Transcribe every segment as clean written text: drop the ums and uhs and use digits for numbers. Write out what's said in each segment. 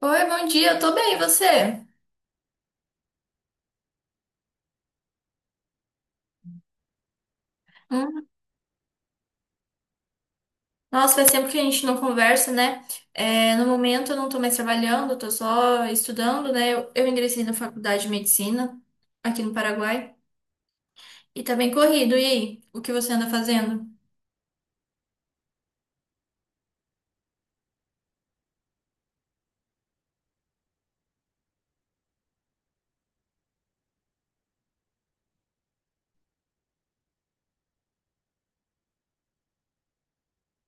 Oi, bom dia, eu tô bem, e você? Hum, Nossa, faz tempo que a gente não conversa, né? É, no momento eu não tô mais trabalhando, eu tô só estudando, né? Eu ingressei na faculdade de medicina aqui no Paraguai e tá bem corrido. E aí, o que você anda fazendo?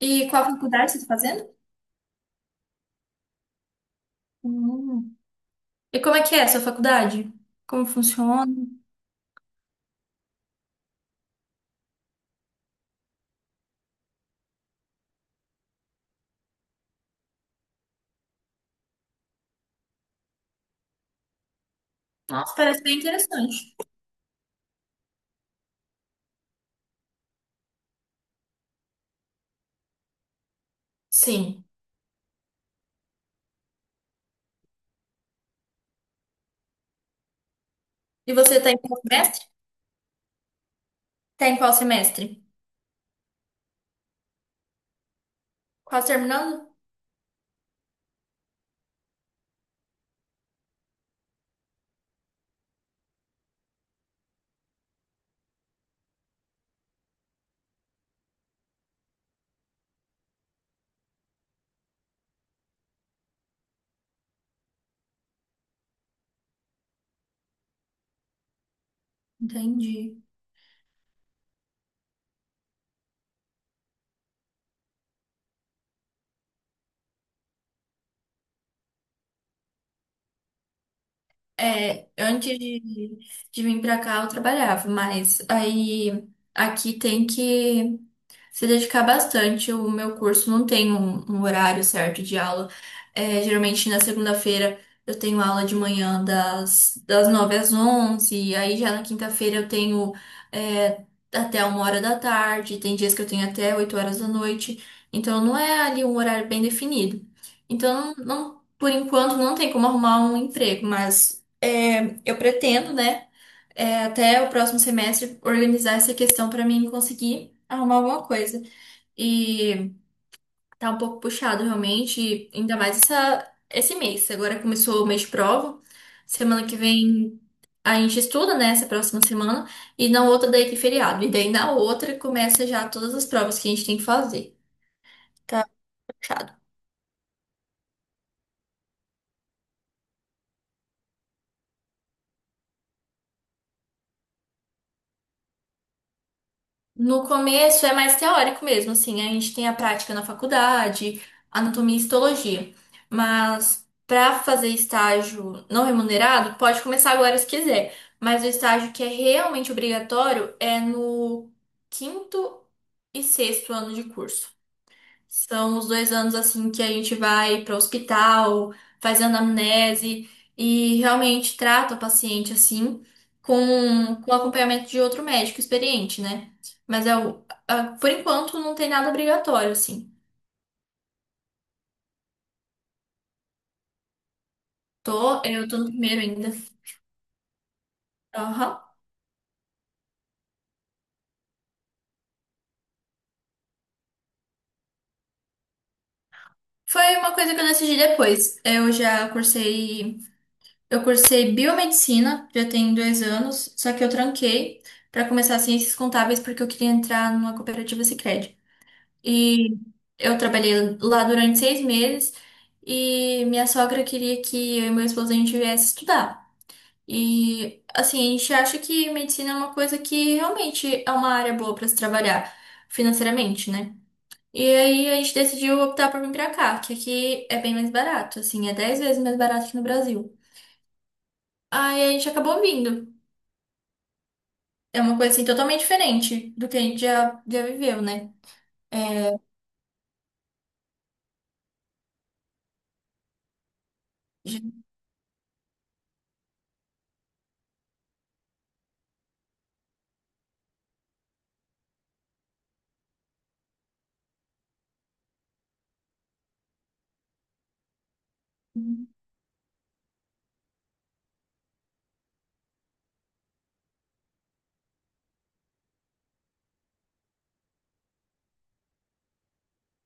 E qual faculdade você tá fazendo? Hum. E como é que é a sua faculdade? Como funciona? Nossa, parece bem interessante. Sim. E você tá em qual semestre? Tá em qual semestre? Quase terminando? Entendi. É, antes de, de vir pra cá eu trabalhava, mas aí aqui tem que se dedicar bastante. O meu curso não tem um horário certo de aula. É, geralmente na segunda-feira eu tenho aula de manhã das 9 às 11. E aí já na quinta-feira eu tenho é, até uma hora da tarde, tem dias que eu tenho até 8 horas da noite. Então não é ali um horário bem definido. Então, não, por enquanto não tem como arrumar um emprego, mas é, eu pretendo, né? É, até o próximo semestre organizar essa questão para mim conseguir arrumar alguma coisa. E tá um pouco puxado realmente, e ainda mais esse mês. Agora começou o mês de prova. Semana que vem a gente estuda, né? Essa próxima semana. E na outra daí tem feriado. E daí na outra começa já todas as provas que a gente tem que fazer. Tá puxado. No começo é mais teórico mesmo, assim, a gente tem a prática na faculdade, anatomia e histologia. Mas para fazer estágio não remunerado, pode começar agora se quiser. Mas o estágio que é realmente obrigatório é no quinto e sexto ano de curso. São os dois anos assim que a gente vai para o hospital, faz anamnese e realmente trata o paciente assim, com acompanhamento de outro médico experiente, né? Mas por enquanto não tem nada obrigatório, assim. Eu tô no primeiro ainda. Aham. Foi uma coisa que eu decidi depois. Eu cursei biomedicina, já tem dois anos, só que eu tranquei para começar ciências contábeis porque eu queria entrar numa cooperativa Sicredi. E eu trabalhei lá durante seis meses e minha sogra queria que eu e meu esposo a gente viesse estudar. E assim, a gente acha que medicina é uma coisa que realmente é uma área boa para se trabalhar financeiramente, né? E aí a gente decidiu optar por vir pra cá, que aqui é bem mais barato, assim, é 10 vezes mais barato que no Brasil. Aí a gente acabou vindo. É uma coisa assim totalmente diferente do que a gente já viveu, né? É, já-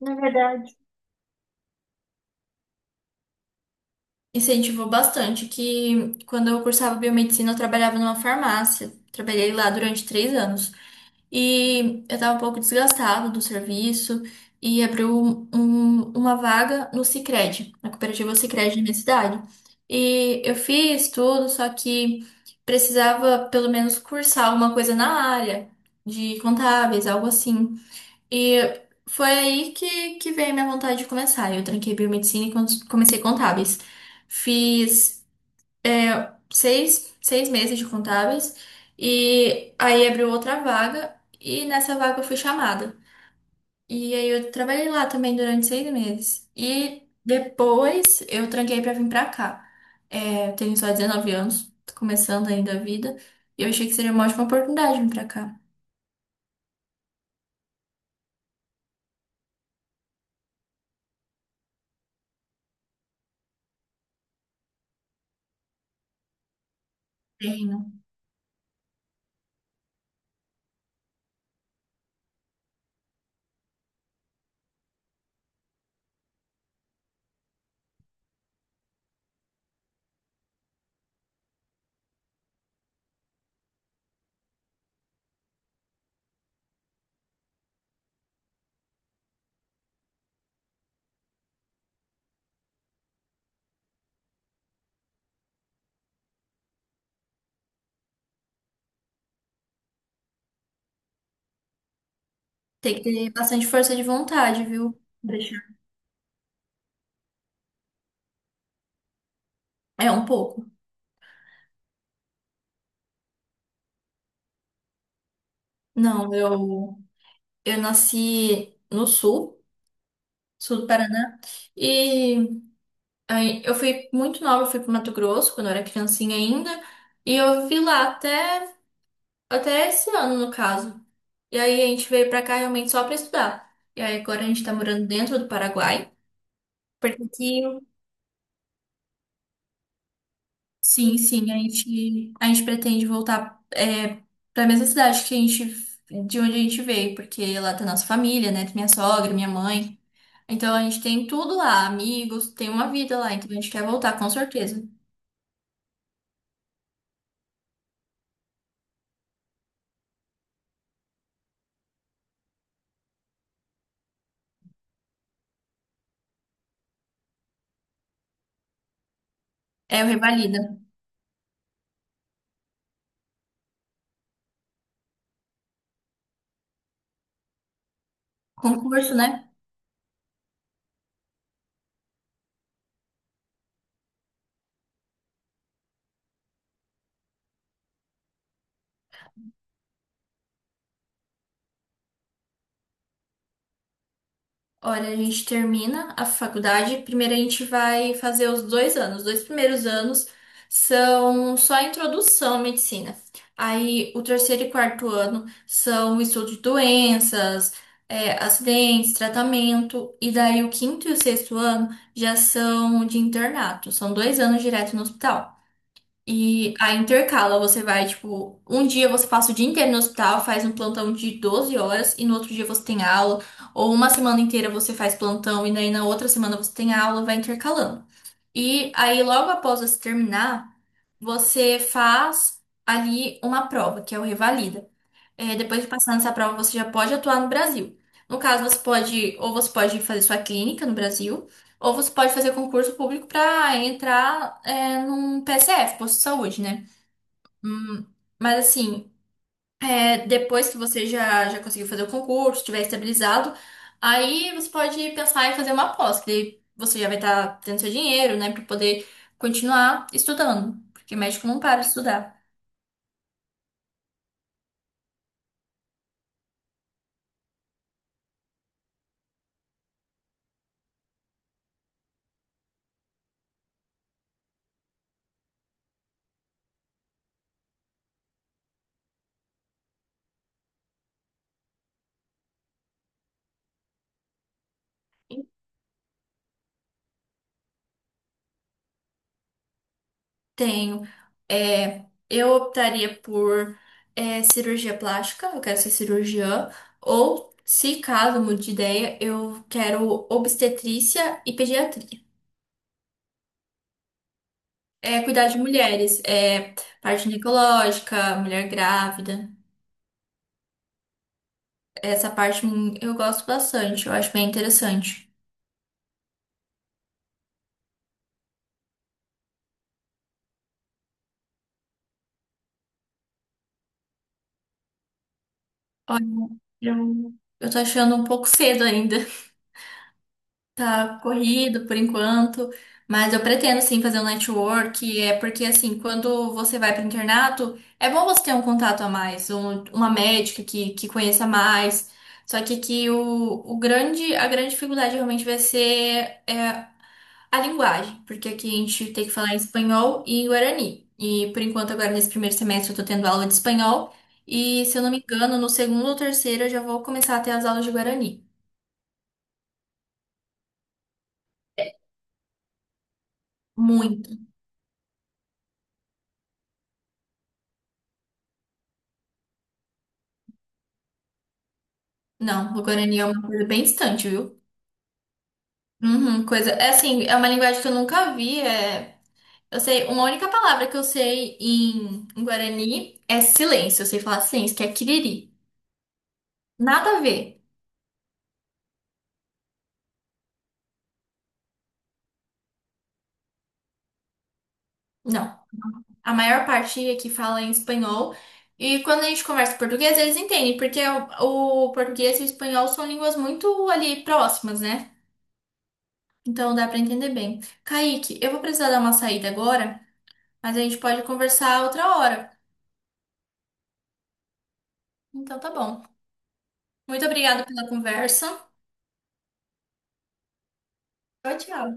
Na verdade, incentivou bastante, que quando eu cursava biomedicina, eu trabalhava numa farmácia. Trabalhei lá durante três anos. E eu estava um pouco desgastada do serviço e uma vaga no Sicredi, na cooperativa Sicredi da minha cidade. E eu fiz tudo, só que precisava pelo menos cursar alguma coisa na área de contábeis, algo assim. E foi aí que veio a minha vontade de começar. Eu tranquei biomedicina e comecei contábeis. Fiz seis meses de contábeis e aí abriu outra vaga e nessa vaga eu fui chamada. E aí eu trabalhei lá também durante seis meses. E depois eu tranquei pra vir pra cá. É, eu tenho só 19 anos, tô começando ainda a vida. E eu achei que seria uma ótima oportunidade vir pra cá. Tem, tem que ter bastante força de vontade, viu? É um pouco. Não, eu nasci no sul, sul do Paraná, e aí eu fui muito nova, eu fui pro Mato Grosso quando eu era criancinha ainda, e eu fui lá até até esse ano no caso. E aí a gente veio pra cá realmente só pra estudar. E aí agora a gente tá morando dentro do Paraguai, porque aqui, sim, sim, a gente pretende voltar é, para mesma cidade que a gente de onde a gente veio, porque lá tá nossa família, né? Tem minha sogra, minha mãe. Então a gente tem tudo lá, amigos, tem uma vida lá, então a gente quer voltar, com certeza. É o Revalida. Concurso, né? Olha, a gente termina a faculdade. Primeiro a gente vai fazer os dois anos. Os dois primeiros anos são só a introdução à medicina. Aí o terceiro e quarto ano são o estudo de doenças, é, acidentes, tratamento. E daí o quinto e o sexto ano já são de internato. São dois anos direto no hospital. E aí intercala, você vai, tipo, um dia você passa o dia inteiro no hospital, faz um plantão de 12 horas e no outro dia você tem aula, ou uma semana inteira você faz plantão e daí na outra semana você tem aula, vai intercalando. E aí logo após você terminar, você faz ali uma prova, que é o revalida. É, depois de passar nessa prova, você já pode atuar no Brasil. No caso, você pode, ou você pode fazer sua clínica no Brasil, ou você pode fazer concurso público para entrar, é, num PSF, posto de saúde, né? Hum, mas assim, é, depois que você já conseguiu fazer o concurso, estiver estabilizado, aí você pode pensar em fazer uma pós, que daí você já vai estar tendo seu dinheiro, né, para poder continuar estudando, porque médico não para de estudar. Tenho. É, eu optaria por cirurgia plástica, eu quero ser cirurgiã, ou, se caso mude de ideia, eu quero obstetrícia e pediatria. É, cuidar de mulheres, é, parte ginecológica, mulher grávida, essa parte eu gosto bastante, eu acho bem interessante. Olha, eu, eu tô achando um pouco cedo ainda. Tá corrido por enquanto, mas eu pretendo sim fazer um network, é porque assim, quando você vai para o internato, é bom você ter um contato a mais, uma médica que conheça mais. Só que o grande, a grande dificuldade realmente vai ser é, a linguagem, porque aqui a gente tem que falar em espanhol e em guarani. E por enquanto, agora nesse primeiro semestre, eu tô tendo aula de espanhol, e se eu não me engano, no segundo ou terceiro eu já vou começar a ter as aulas de guarani. Muito não, o Guarani é uma coisa bem distante, viu? Uhum, coisa. É assim, é uma linguagem que eu nunca vi. É... eu sei, uma única palavra que eu sei em, em Guarani é silêncio. Eu sei falar silêncio, que é kiriri. Nada a ver. Não. A maior parte aqui fala em espanhol. E quando a gente conversa em português, eles entendem, porque é o português e o espanhol são línguas muito ali próximas, né? Então dá pra entender bem. Kaique, eu vou precisar dar uma saída agora, mas a gente pode conversar outra hora. Então tá bom. Muito obrigada pela conversa. Tchau, tchau.